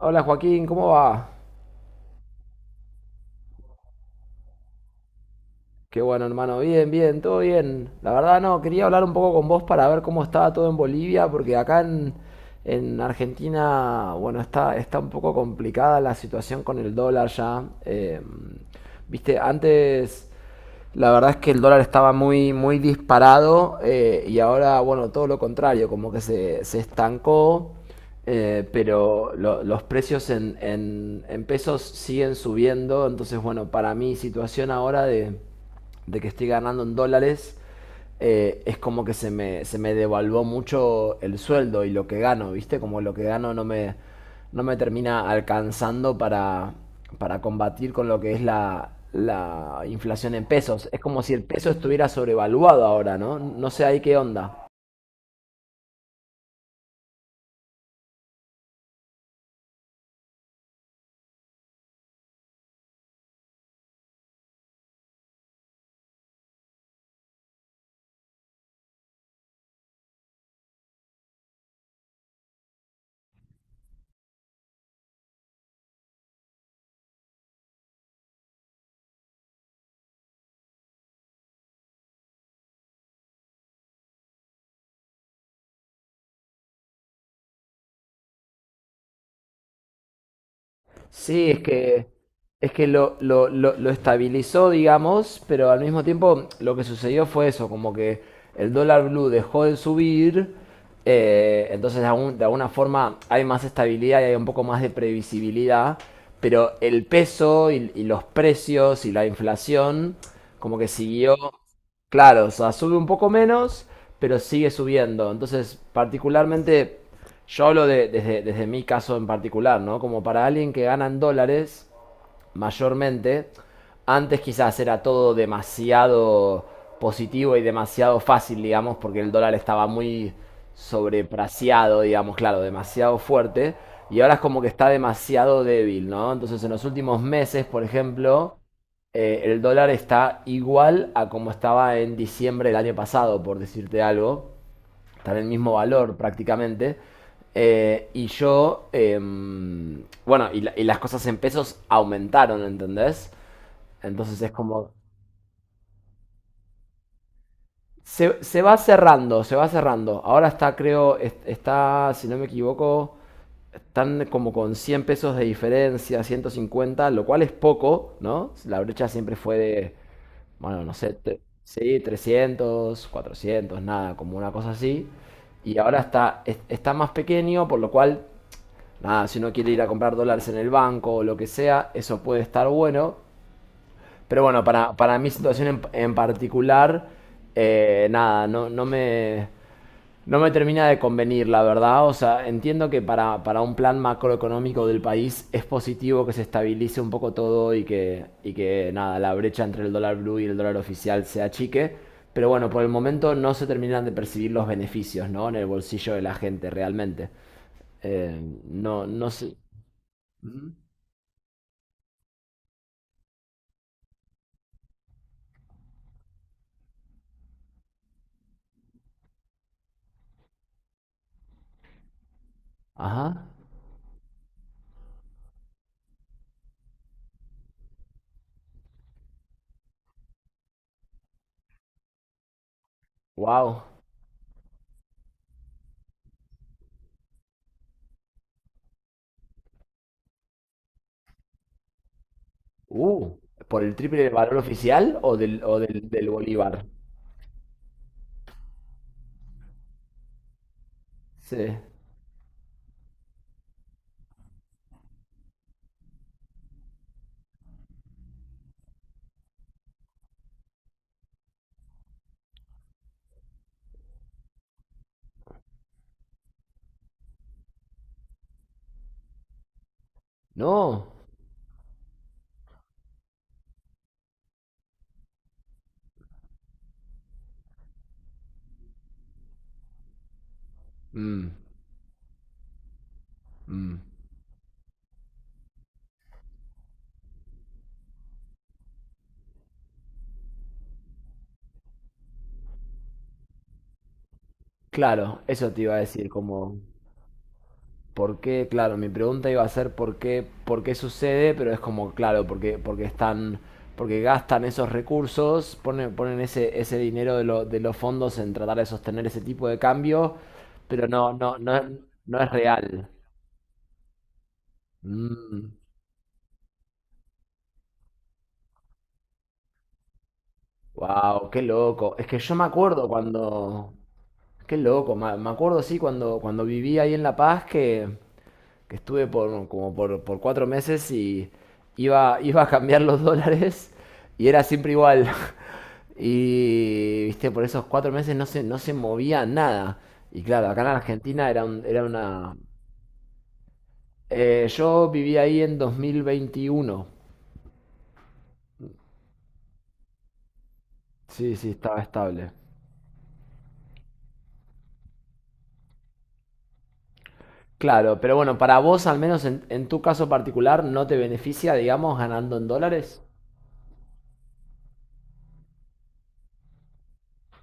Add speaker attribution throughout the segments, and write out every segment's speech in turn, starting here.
Speaker 1: Hola Joaquín, ¿cómo va? Qué bueno, hermano, bien, bien, todo bien. La verdad no, quería hablar un poco con vos para ver cómo estaba todo en Bolivia, porque acá en Argentina, bueno, está un poco complicada la situación con el dólar ya. Viste, antes. La verdad es que el dólar estaba muy, muy disparado y ahora, bueno, todo lo contrario, como que se estancó, pero los precios en pesos siguen subiendo. Entonces, bueno, para mi situación ahora de que estoy ganando en dólares, es como que se me devaluó mucho el sueldo y lo que gano, ¿viste? Como lo que gano no me termina alcanzando para combatir con lo que es la inflación en pesos. Es como si el peso estuviera sobrevaluado ahora, ¿no? No sé ahí qué onda. Sí, es que lo estabilizó, digamos, pero al mismo tiempo lo que sucedió fue eso, como que el dólar blue dejó de subir, entonces de alguna forma hay más estabilidad y hay un poco más de previsibilidad, pero el peso y los precios y la inflación como que siguió, claro, o sea, sube un poco menos, pero sigue subiendo. Entonces, particularmente... Yo hablo desde mi caso en particular, ¿no? Como para alguien que gana en dólares, mayormente, antes quizás era todo demasiado positivo y demasiado fácil, digamos, porque el dólar estaba muy sobrepreciado, digamos, claro, demasiado fuerte, y ahora es como que está demasiado débil, ¿no? Entonces, en los últimos meses, por ejemplo, el dólar está igual a como estaba en diciembre del año pasado, por decirte algo, están en el mismo valor prácticamente. Eh, y yo, eh, bueno, y las cosas en pesos aumentaron, ¿entendés? Entonces es como, se va cerrando, se va cerrando. Ahora está, creo, está, si no me equivoco, están como con 100 pesos de diferencia, 150, lo cual es poco, ¿no? La brecha siempre fue bueno, no sé, sí, 300, 400 nada, como una cosa así. Y ahora está, está más pequeño, por lo cual nada, si uno quiere ir a comprar dólares en el banco o lo que sea, eso puede estar bueno. Pero bueno, para mi situación en particular, nada, no me termina de convenir, la verdad. O sea, entiendo que para un plan macroeconómico del país es positivo que se estabilice un poco todo y que nada, la brecha entre el dólar blue y el dólar oficial se achique. Pero bueno, por el momento no se terminan de percibir los beneficios, ¿no? En el bolsillo de la gente realmente. Eh, no, no sé. Ajá. Wow. Uh, ¿Por el triple del valor oficial o del, del bolívar? Sí. No. Mm, mm. Claro, eso te iba a decir, como, ¿por qué? Claro, mi pregunta iba a ser por qué sucede? Pero es como, claro, porque están, porque gastan esos recursos, ponen, ponen ese, ese dinero de los fondos en tratar de sostener ese tipo de cambio, pero no es real. Mm. Wow, qué loco. Es que yo me acuerdo cuando. Qué loco. Me acuerdo, sí, cuando viví ahí en La Paz que estuve por por cuatro meses y iba a cambiar los dólares y era siempre igual. Y viste, por esos 4 meses no se movía nada. Y claro, acá en Argentina era una. Eh, yo viví ahí en 2021. Sí, sí, estaba estable. Claro, pero bueno, para vos, al menos en tu caso particular, no te beneficia, digamos, ganando en dólares.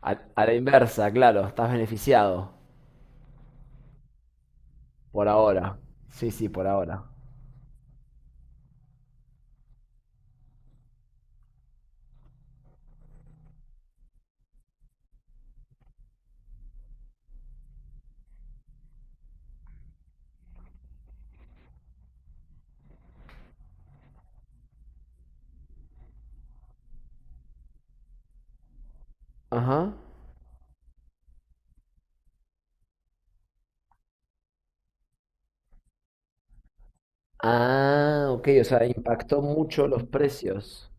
Speaker 1: A la inversa, claro, estás beneficiado por ahora. Sí, sí, por ahora. Ajá. Ah, ok, o sea, impactó mucho los precios.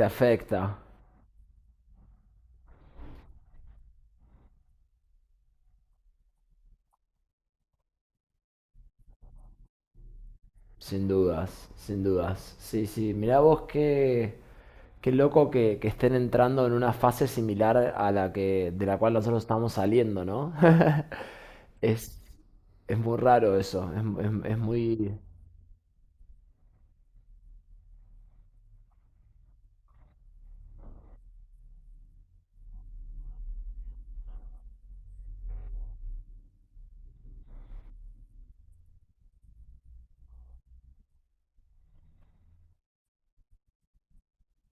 Speaker 1: Te afecta, sin dudas, sin dudas. Sí, sí, mirá vos qué, qué loco que estén entrando en una fase similar a la que, de la cual nosotros estamos saliendo, ¿no? Es, es muy raro eso, es muy...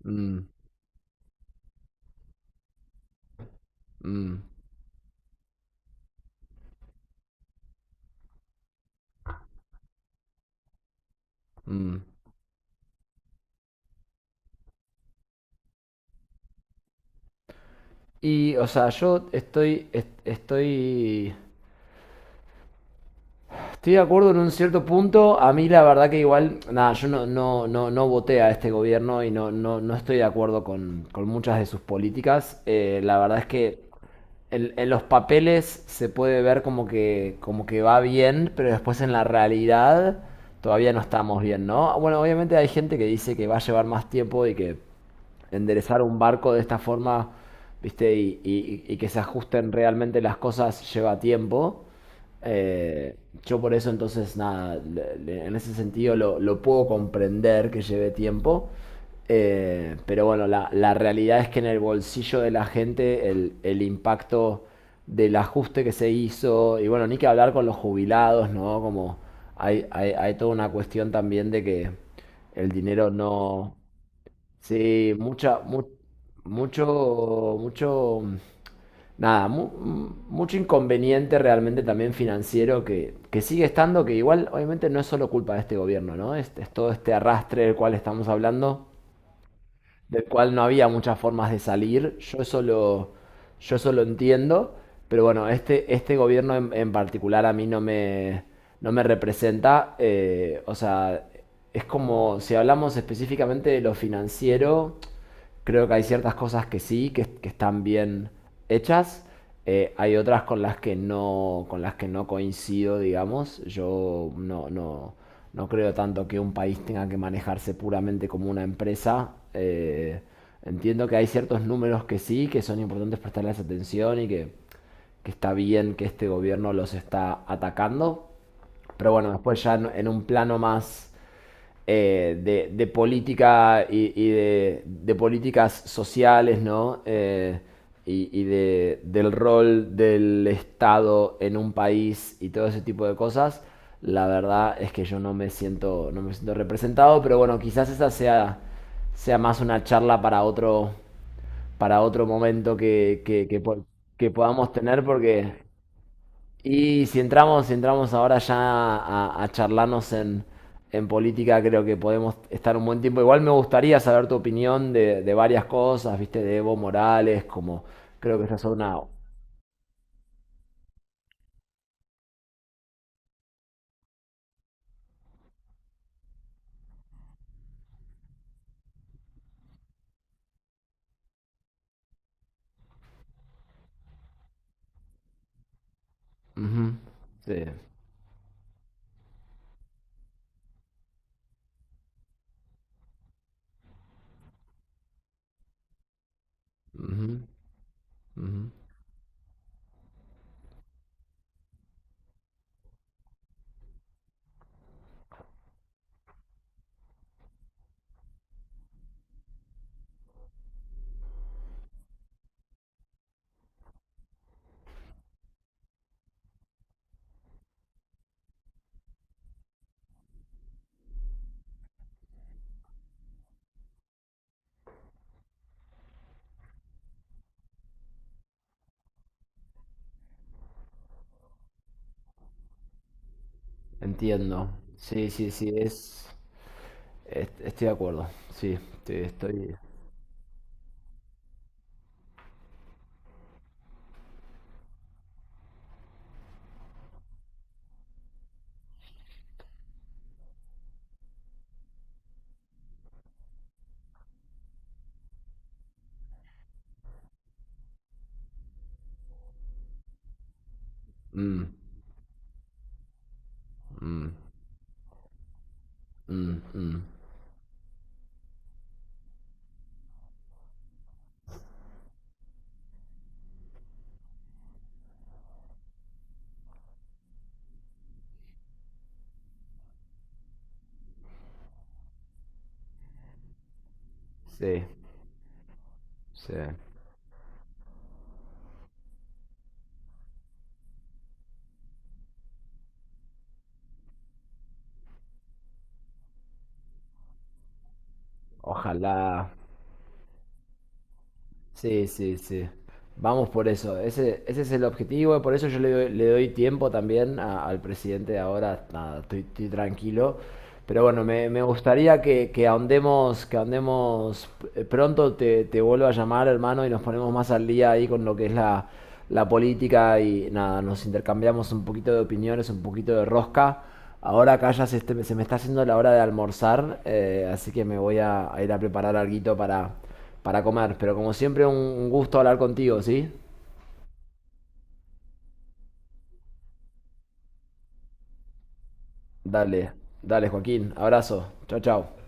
Speaker 1: Mm, mm, mm. Y, o sea, estoy Estoy de acuerdo en un cierto punto. A mí la verdad que igual, nada, yo no voté a este gobierno y no estoy de acuerdo con muchas de sus políticas. La verdad es que en los papeles se puede ver como que va bien, pero después en la realidad todavía no estamos bien, ¿no? Bueno, obviamente hay gente que dice que va a llevar más tiempo y que enderezar un barco de esta forma, ¿viste? Y que se ajusten realmente las cosas lleva tiempo. Eh, yo por eso entonces, nada, en ese sentido lo puedo comprender que lleve tiempo. Pero bueno, la realidad es que en el bolsillo de la gente el impacto del ajuste que se hizo, y bueno, ni que hablar con los jubilados, ¿no? Como hay toda una cuestión también de que el dinero no. Sí, mucho, mm, nada, mucho inconveniente realmente también financiero que sigue estando, que igual obviamente no es solo culpa de este gobierno, ¿no? Es todo este arrastre del cual estamos hablando, del cual no había muchas formas de salir, yo eso lo entiendo, pero bueno, este gobierno en particular a mí no me representa, o sea, es como si hablamos específicamente de lo financiero. Creo que hay ciertas cosas que sí, que están bien hechas. Hay otras con las que no, con las que no coincido, digamos. Yo no creo tanto que un país tenga que manejarse puramente como una empresa. Entiendo que hay ciertos números que sí, que son importantes prestarles atención que está bien que este gobierno los está atacando. Pero bueno, después ya en un plano más política políticas sociales, ¿no? Del rol del Estado en un país y todo ese tipo de cosas, la verdad es que yo no me siento representado, pero bueno, quizás esa sea, sea más una charla para otro momento que podamos tener, porque si entramos ahora ya a charlarnos en política, creo que podemos estar un buen tiempo. Igual me gustaría saber tu opinión de varias cosas, viste, de Evo Morales, como creo que esa es una... Ujú, sí, ujú, ujú. Entiendo. Sí, sí, sí, es... Estoy de acuerdo. Sí, sí, estoy... Mm, mm, mm, mm. Sí, sí. Ojalá. Sí, sí, sí. Vamos por eso. Ese es el objetivo. Por eso yo le doy tiempo también al presidente de ahora. Nada, estoy tranquilo. Pero bueno, me gustaría que ahondemos pronto. Te vuelvo a llamar, hermano, y nos ponemos más al día ahí con lo que es la política y nada, nos intercambiamos un poquito de opiniones, un poquito de rosca. Ahora acá ya se me está haciendo la hora de almorzar, así que me voy a ir a preparar alguito para comer. Pero como siempre, un gusto hablar contigo, ¿sí? Dale, dale, Joaquín. Abrazo. Chao, chao.